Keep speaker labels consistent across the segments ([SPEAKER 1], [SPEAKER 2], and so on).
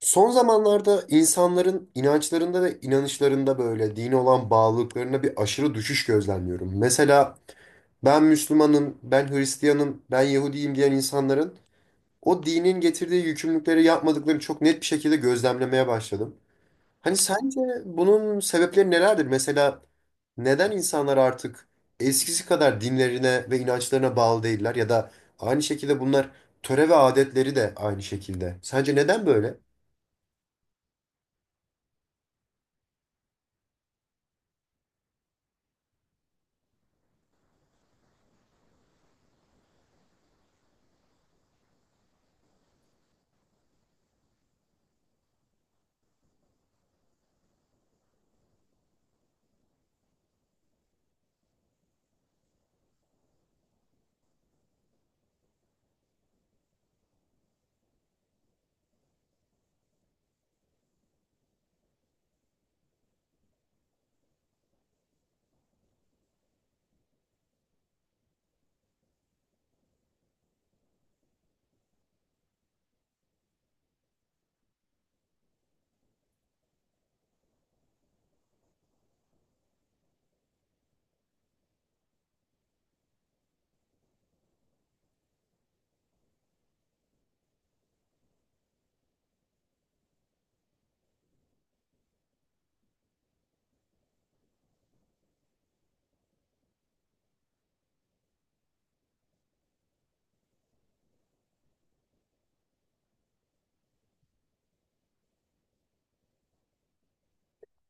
[SPEAKER 1] Son zamanlarda insanların inançlarında ve inanışlarında böyle dine olan bağlılıklarına bir aşırı düşüş gözlemliyorum. Mesela ben Müslümanım, ben Hristiyanım, ben Yahudiyim diyen insanların o dinin getirdiği yükümlülükleri yapmadıklarını çok net bir şekilde gözlemlemeye başladım. Hani sence bunun sebepleri nelerdir? Mesela neden insanlar artık eskisi kadar dinlerine ve inançlarına bağlı değiller ya da aynı şekilde bunlar töre ve adetleri de aynı şekilde. Sence neden böyle?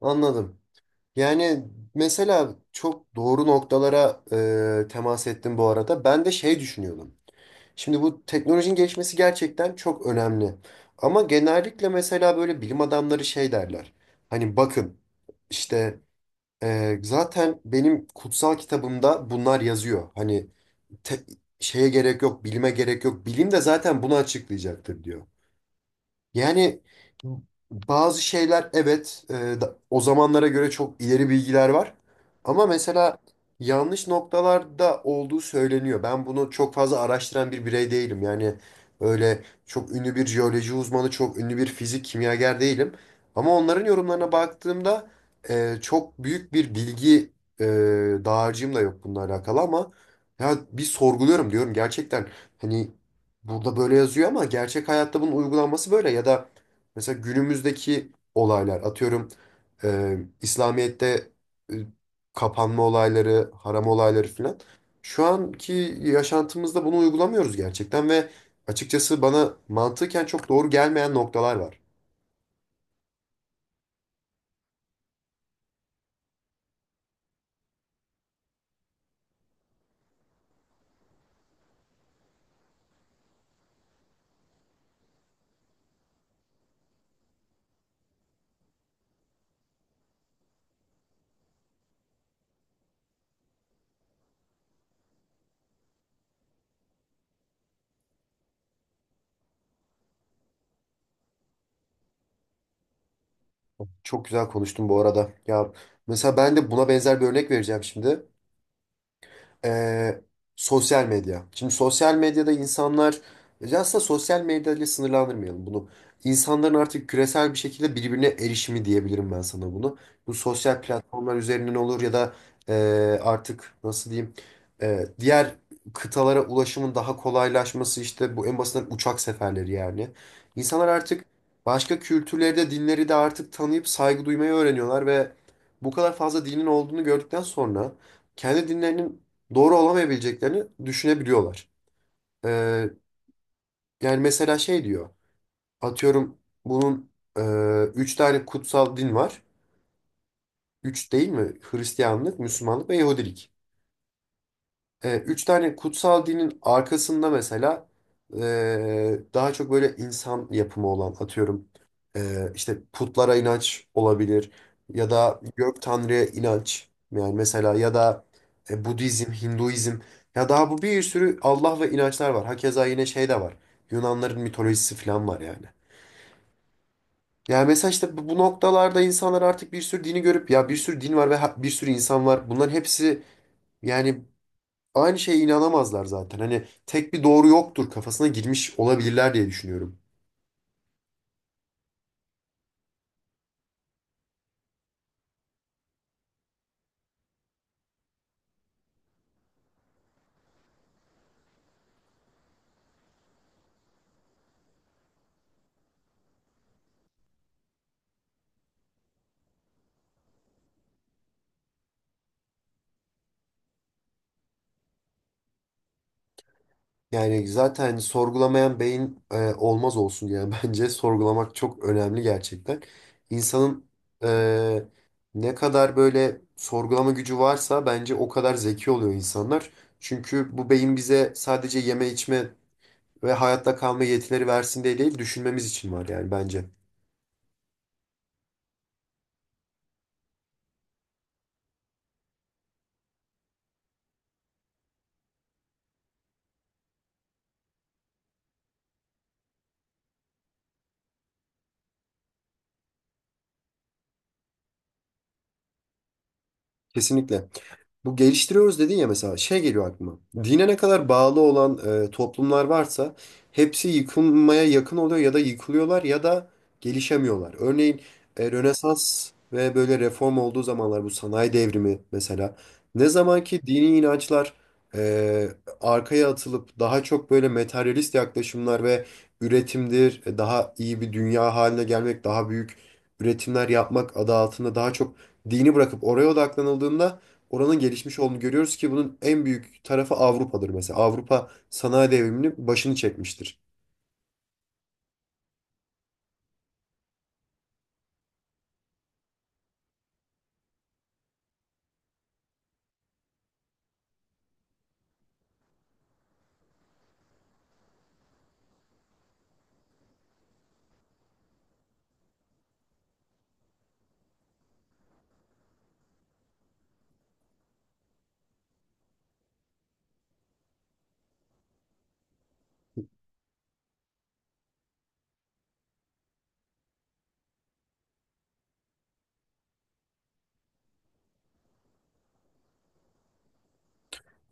[SPEAKER 1] Anladım. Yani mesela çok doğru noktalara temas ettim bu arada. Ben de şey düşünüyordum. Şimdi bu teknolojinin gelişmesi gerçekten çok önemli. Ama genellikle mesela böyle bilim adamları şey derler. Hani bakın işte zaten benim kutsal kitabımda bunlar yazıyor. Hani te- şeye gerek yok, bilime gerek yok. Bilim de zaten bunu açıklayacaktır diyor. Yani bazı şeyler evet, o zamanlara göre çok ileri bilgiler var. Ama mesela yanlış noktalarda olduğu söyleniyor. Ben bunu çok fazla araştıran bir birey değilim. Yani öyle çok ünlü bir jeoloji uzmanı, çok ünlü bir fizik kimyager değilim. Ama onların yorumlarına baktığımda çok büyük bir bilgi e, dağarcığım da yok bununla alakalı ama ya bir sorguluyorum diyorum gerçekten. Hani burada böyle yazıyor ama gerçek hayatta bunun uygulanması böyle ya da mesela günümüzdeki olaylar atıyorum İslamiyet'te, e, kapanma olayları, haram olayları filan. Şu anki yaşantımızda bunu uygulamıyoruz gerçekten ve açıkçası bana mantıken çok doğru gelmeyen noktalar var. Çok güzel konuştun bu arada. Ya mesela ben de buna benzer bir örnek vereceğim şimdi. Ee, sosyal medya. Şimdi sosyal medyada insanlar, aslında sosyal medyayla sınırlandırmayalım bunu. İnsanların artık küresel bir şekilde birbirine erişimi diyebilirim ben sana bunu. Bu sosyal platformlar üzerinden olur ya da e, artık nasıl diyeyim, diğer kıtalara ulaşımın daha kolaylaşması işte bu en basitinden uçak seferleri yani. İnsanlar artık başka kültürleri de dinleri de artık tanıyıp saygı duymayı öğreniyorlar ve bu kadar fazla dinin olduğunu gördükten sonra kendi dinlerinin doğru olamayabileceklerini düşünebiliyorlar. Ee, yani mesela şey diyor. Atıyorum bunun e, üç tane kutsal din var. Üç değil mi? Hristiyanlık, Müslümanlık ve Yahudilik. Üç tane kutsal dinin arkasında mesela daha çok böyle insan yapımı olan atıyorum işte putlara inanç olabilir ya da gök tanrıya inanç yani mesela ya da Budizm, Hinduizm ya daha bu bir sürü Allah ve inançlar var. Hakeza yine şey de var. Yunanların mitolojisi falan var yani. Yani mesela işte bu noktalarda insanlar artık bir sürü dini görüp ya bir sürü din var ve bir sürü insan var. Bunların hepsi yani aynı şeye inanamazlar zaten. Hani tek bir doğru yoktur kafasına girmiş olabilirler diye düşünüyorum. Yani zaten sorgulamayan beyin olmaz olsun yani bence sorgulamak çok önemli gerçekten. İnsanın e, ne kadar böyle sorgulama gücü varsa bence o kadar zeki oluyor insanlar. Çünkü bu beyin bize sadece yeme içme ve hayatta kalma yetileri versin diye değil düşünmemiz için var yani bence. Kesinlikle. Bu geliştiriyoruz dedin ya, mesela şey geliyor aklıma. Hı. Dine ne kadar bağlı olan toplumlar varsa hepsi yıkılmaya yakın oluyor ya da yıkılıyorlar ya da gelişemiyorlar. Örneğin Rönesans ve böyle reform olduğu zamanlar, bu sanayi devrimi mesela, ne zaman ki dini inançlar e, arkaya atılıp daha çok böyle materyalist yaklaşımlar ve üretimdir, daha iyi bir dünya haline gelmek, daha büyük üretimler yapmak adı altında daha çok dini bırakıp oraya odaklanıldığında oranın gelişmiş olduğunu görüyoruz ki bunun en büyük tarafı Avrupa'dır mesela. Avrupa sanayi devriminin başını çekmiştir.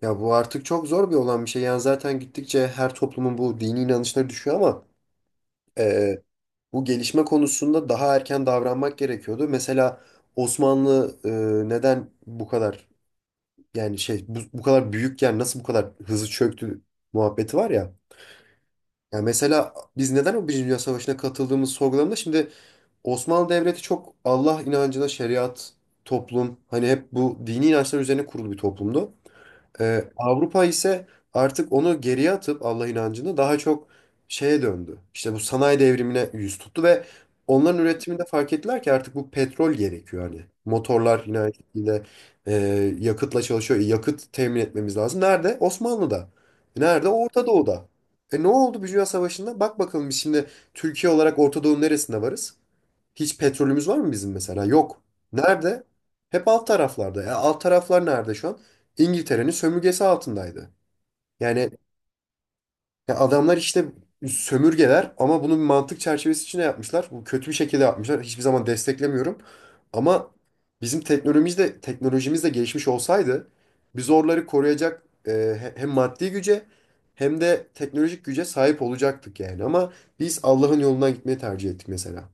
[SPEAKER 1] Ya bu artık çok zor bir olan bir şey. Yani zaten gittikçe her toplumun bu dini inançları düşüyor ama e, bu gelişme konusunda daha erken davranmak gerekiyordu. Mesela Osmanlı, neden bu kadar, yani şey, bu kadar büyükken nasıl bu kadar hızlı çöktü muhabbeti var ya. Ya mesela biz neden o Birinci Dünya Savaşı'na katıldığımız sorgulamada, şimdi Osmanlı Devleti çok Allah inancına, şeriat, toplum, hani hep bu dini inançlar üzerine kurulu bir toplumdu. Avrupa ise artık onu geriye atıp Allah inancını daha çok şeye döndü. İşte bu sanayi devrimine yüz tuttu ve onların üretiminde fark ettiler ki artık bu petrol gerekiyor hani. Motorlar yine aynı şekilde e, yakıtla çalışıyor. E, yakıt temin etmemiz lazım. Nerede? Osmanlı'da. E, nerede? Orta Doğu'da. E, ne oldu bir Dünya Savaşı'nda? Bak bakalım biz şimdi Türkiye olarak Orta Doğu'nun neresinde varız? Hiç petrolümüz var mı bizim mesela? Yok. Nerede? Hep alt taraflarda. Ya alt taraflar nerede şu an? İngiltere'nin sömürgesi altındaydı. Yani ya adamlar işte sömürgeler ama bunu bir mantık çerçevesi içinde yapmışlar. Bu kötü bir şekilde yapmışlar. Hiçbir zaman desteklemiyorum. Ama bizim teknolojimiz de gelişmiş olsaydı, biz oraları koruyacak hem maddi güce hem de teknolojik güce sahip olacaktık yani. Ama biz Allah'ın yolundan gitmeyi tercih ettik mesela.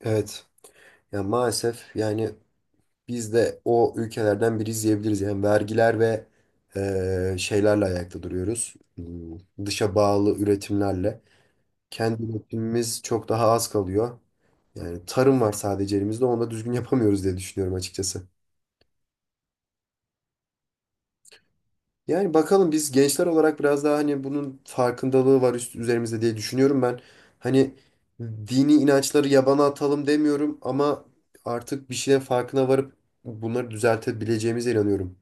[SPEAKER 1] Evet. Ya maalesef yani biz de o ülkelerden biri izleyebiliriz. Yani vergiler ve şeylerle ayakta duruyoruz. Dışa bağlı üretimlerle. Kendi üretimimiz çok daha az kalıyor. Yani tarım var sadece elimizde. Onu da düzgün yapamıyoruz diye düşünüyorum açıkçası. Yani bakalım biz gençler olarak biraz daha hani bunun farkındalığı var üzerimizde diye düşünüyorum ben. Hani dini inançları yabana atalım demiyorum ama artık bir şeylerin farkına varıp bunları düzeltebileceğimize inanıyorum.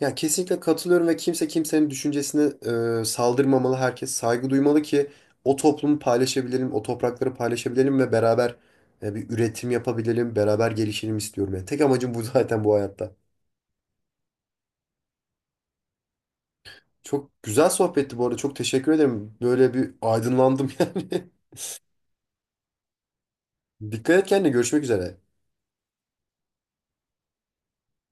[SPEAKER 1] Ya kesinlikle katılıyorum ve kimse kimsenin düşüncesine saldırmamalı. Herkes saygı duymalı ki o toplumu paylaşabilelim, o toprakları paylaşabilelim ve beraber bir üretim yapabilelim, beraber gelişelim istiyorum. Yani tek amacım bu zaten bu hayatta. Çok güzel sohbetti bu arada. Çok teşekkür ederim. Böyle bir aydınlandım yani. Dikkat et kendine. Görüşmek üzere.